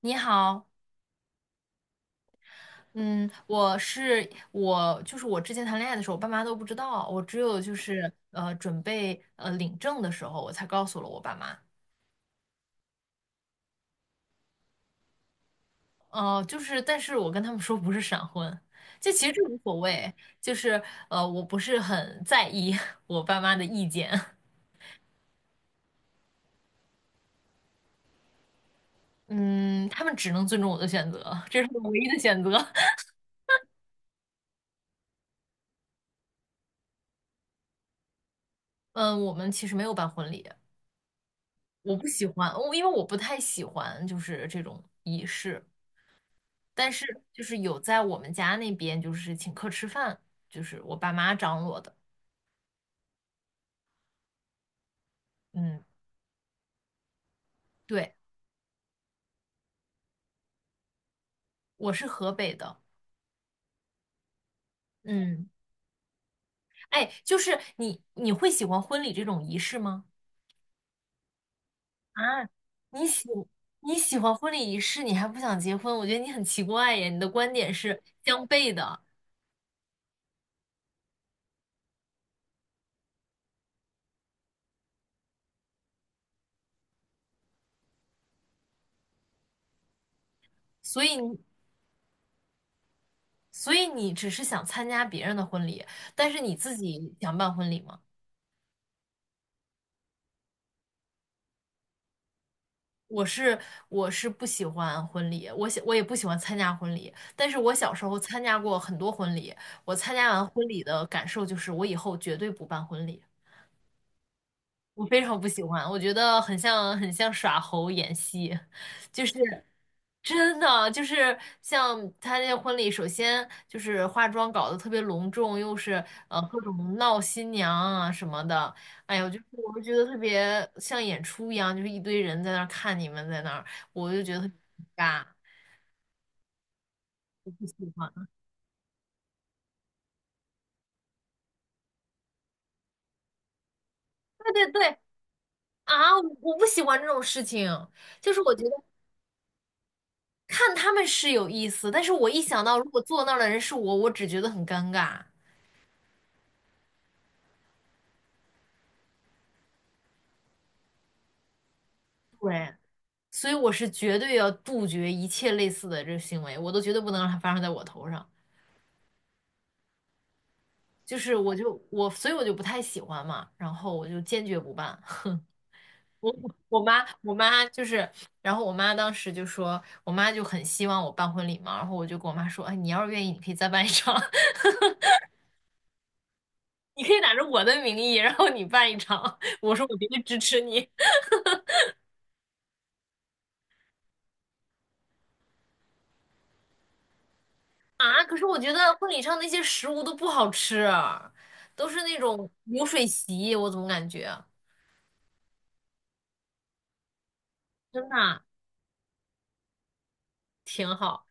你好，嗯，我是我，就是我之前谈恋爱的时候，我爸妈都不知道，我只有就是准备领证的时候，我才告诉了我爸妈。哦，就是，但是我跟他们说不是闪婚，这其实无所谓，就是我不是很在意 我爸妈的意见，嗯，他们只能尊重我的选择，这是我唯一的选择。嗯，我们其实没有办婚礼，我不喜欢，因为我不太喜欢就是这种仪式。但是就是有在我们家那边就是请客吃饭，就是我爸妈张罗的。嗯，对，我是河北的。嗯，哎，就是你会喜欢婚礼这种仪式吗？啊，你喜你喜欢婚礼仪式，你还不想结婚？我觉得你很奇怪耶，你的观点是相悖的，所以你所以你只是想参加别人的婚礼，但是你自己想办婚礼吗？我是我是不喜欢婚礼，我也不喜欢参加婚礼。但是我小时候参加过很多婚礼，我参加完婚礼的感受就是，我以后绝对不办婚礼。我非常不喜欢，我觉得很像耍猴演戏，就是真的就是像他那个婚礼，首先就是化妆搞得特别隆重，又是各种闹新娘啊什么的，哎呦，就是我就觉得特别像演出一样，就是一堆人在那儿看你们在那儿，我就觉得很尬，我不喜欢。对对对啊，我不喜欢这种事情，就是我觉得。看他们是有意思，但是我一想到如果坐那儿的人是我，我只觉得很尴尬，所以我是绝对要杜绝一切类似的这个行为，我都绝对不能让它发生在我头上。就是我就我，所以我就不太喜欢嘛，然后我就坚决不办。我妈我妈就是，然后我妈当时就说，我妈就很希望我办婚礼嘛，然后我就跟我妈说，哎，你要是愿意，你可以再办一场，你可以打着我的名义，然后你办一场，我说我绝对支持你。啊，可是我觉得婚礼上那些食物都不好吃，都是那种流水席，我怎么感觉真的啊挺好？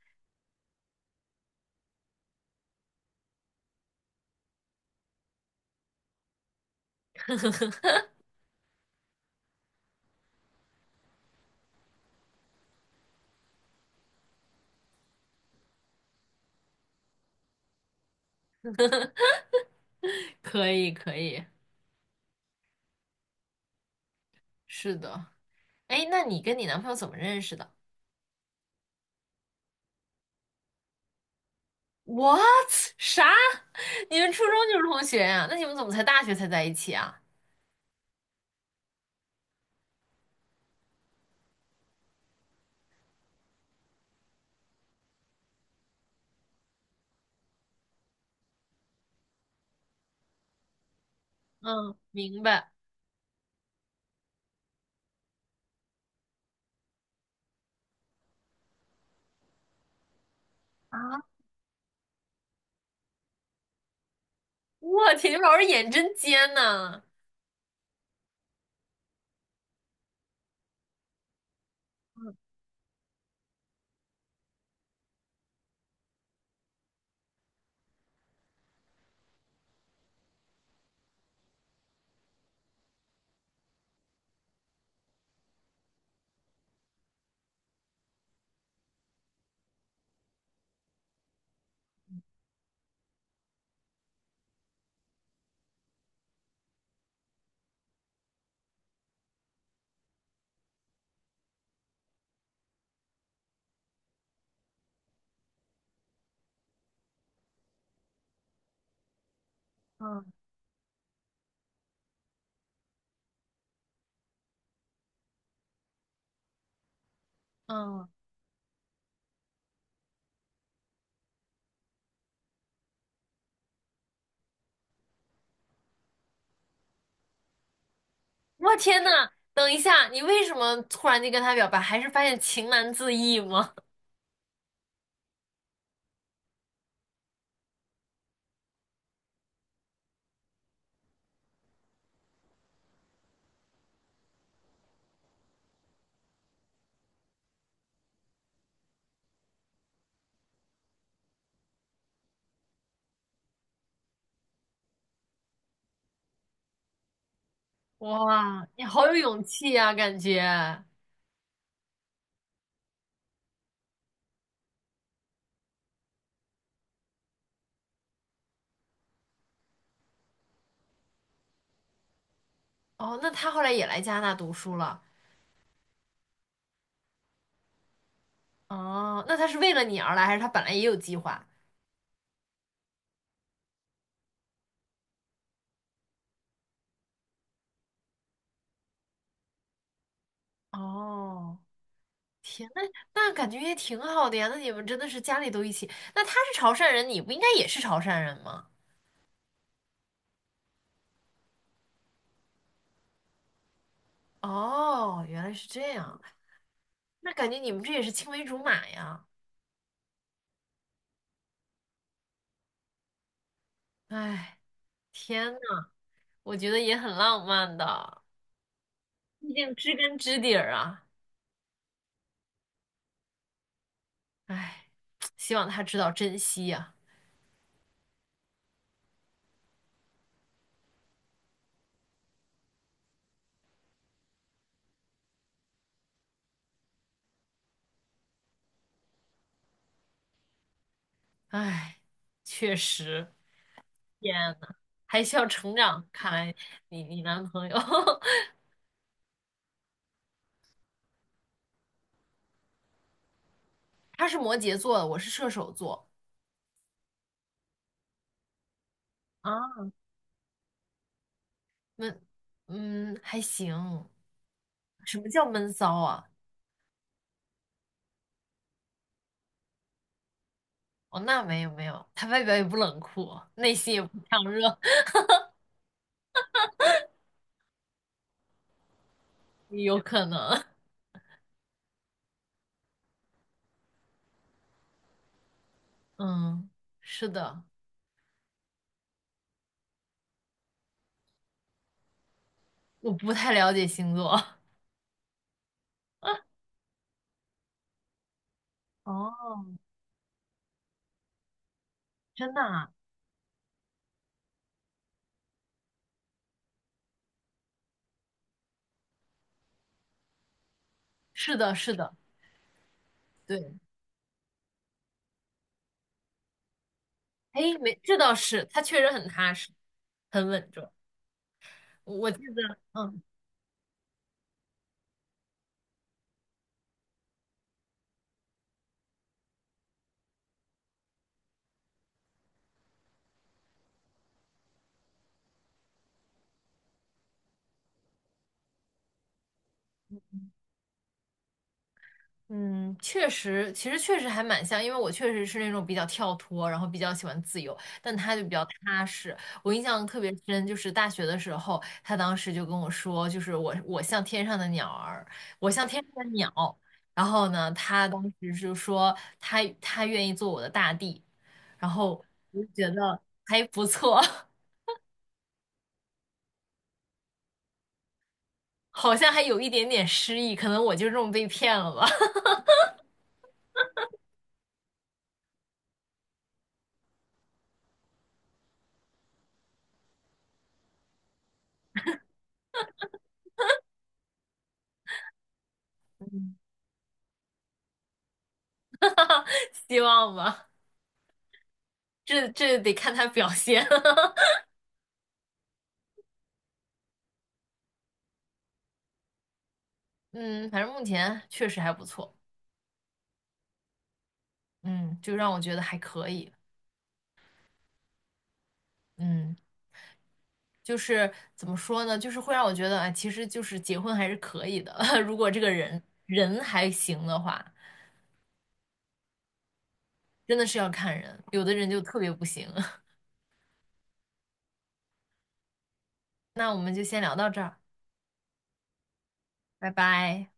可以，可以，是的。哎，那你跟你男朋友怎么认识的？What？啥？你们初中就是同学呀？那你们怎么才大学才在一起啊？嗯，明白。啊，我天，你们老师眼真尖呐！嗯嗯，我天呐，等一下，你为什么突然就跟他表白？还是发现情难自抑吗？哇，你好有勇气啊，感觉。哦，那他后来也来加拿大读书了。哦，那他是为了你而来，还是他本来也有计划？哦，那感觉也挺好的呀。那你们真的是家里都一起。那他是潮汕人，你不应该也是潮汕人吗？哦，原来是这样。那感觉你们这也是青梅竹马呀。哎，我觉得也很浪漫的，毕竟知根知底儿啊。哎，希望他知道珍惜呀。哎，确实。天呐，还需要成长。看来你男朋友 他是摩羯座的，我是射手座。啊，闷，嗯，还行。什么叫闷骚啊？哦，那没有没有，他外表也不冷酷，内心也不强热，有可能。嗯，是的，我不太了解星座。哦，真的啊？是的，是的，对。哎，没，这倒是，他确实很踏实，很稳重。我记得，嗯。嗯，确实，其实确实还蛮像，因为我确实是那种比较跳脱，然后比较喜欢自由，但他就比较踏实。我印象特别深，就是大学的时候，他当时就跟我说，就是我像天上的鸟儿，我像天上的鸟。然后呢，他当时就说他愿意做我的大地，然后我就觉得还不错，好像还有一点点诗意，可能我就这么被骗了吧，希望吧，这这得看他表现。嗯，反正目前确实还不错，嗯，就让我觉得还可以，嗯，就是怎么说呢，就是会让我觉得，哎，其实就是结婚还是可以的，如果这个人还行的话，真的是要看人，有的人就特别不行。那我们就先聊到这儿，拜拜。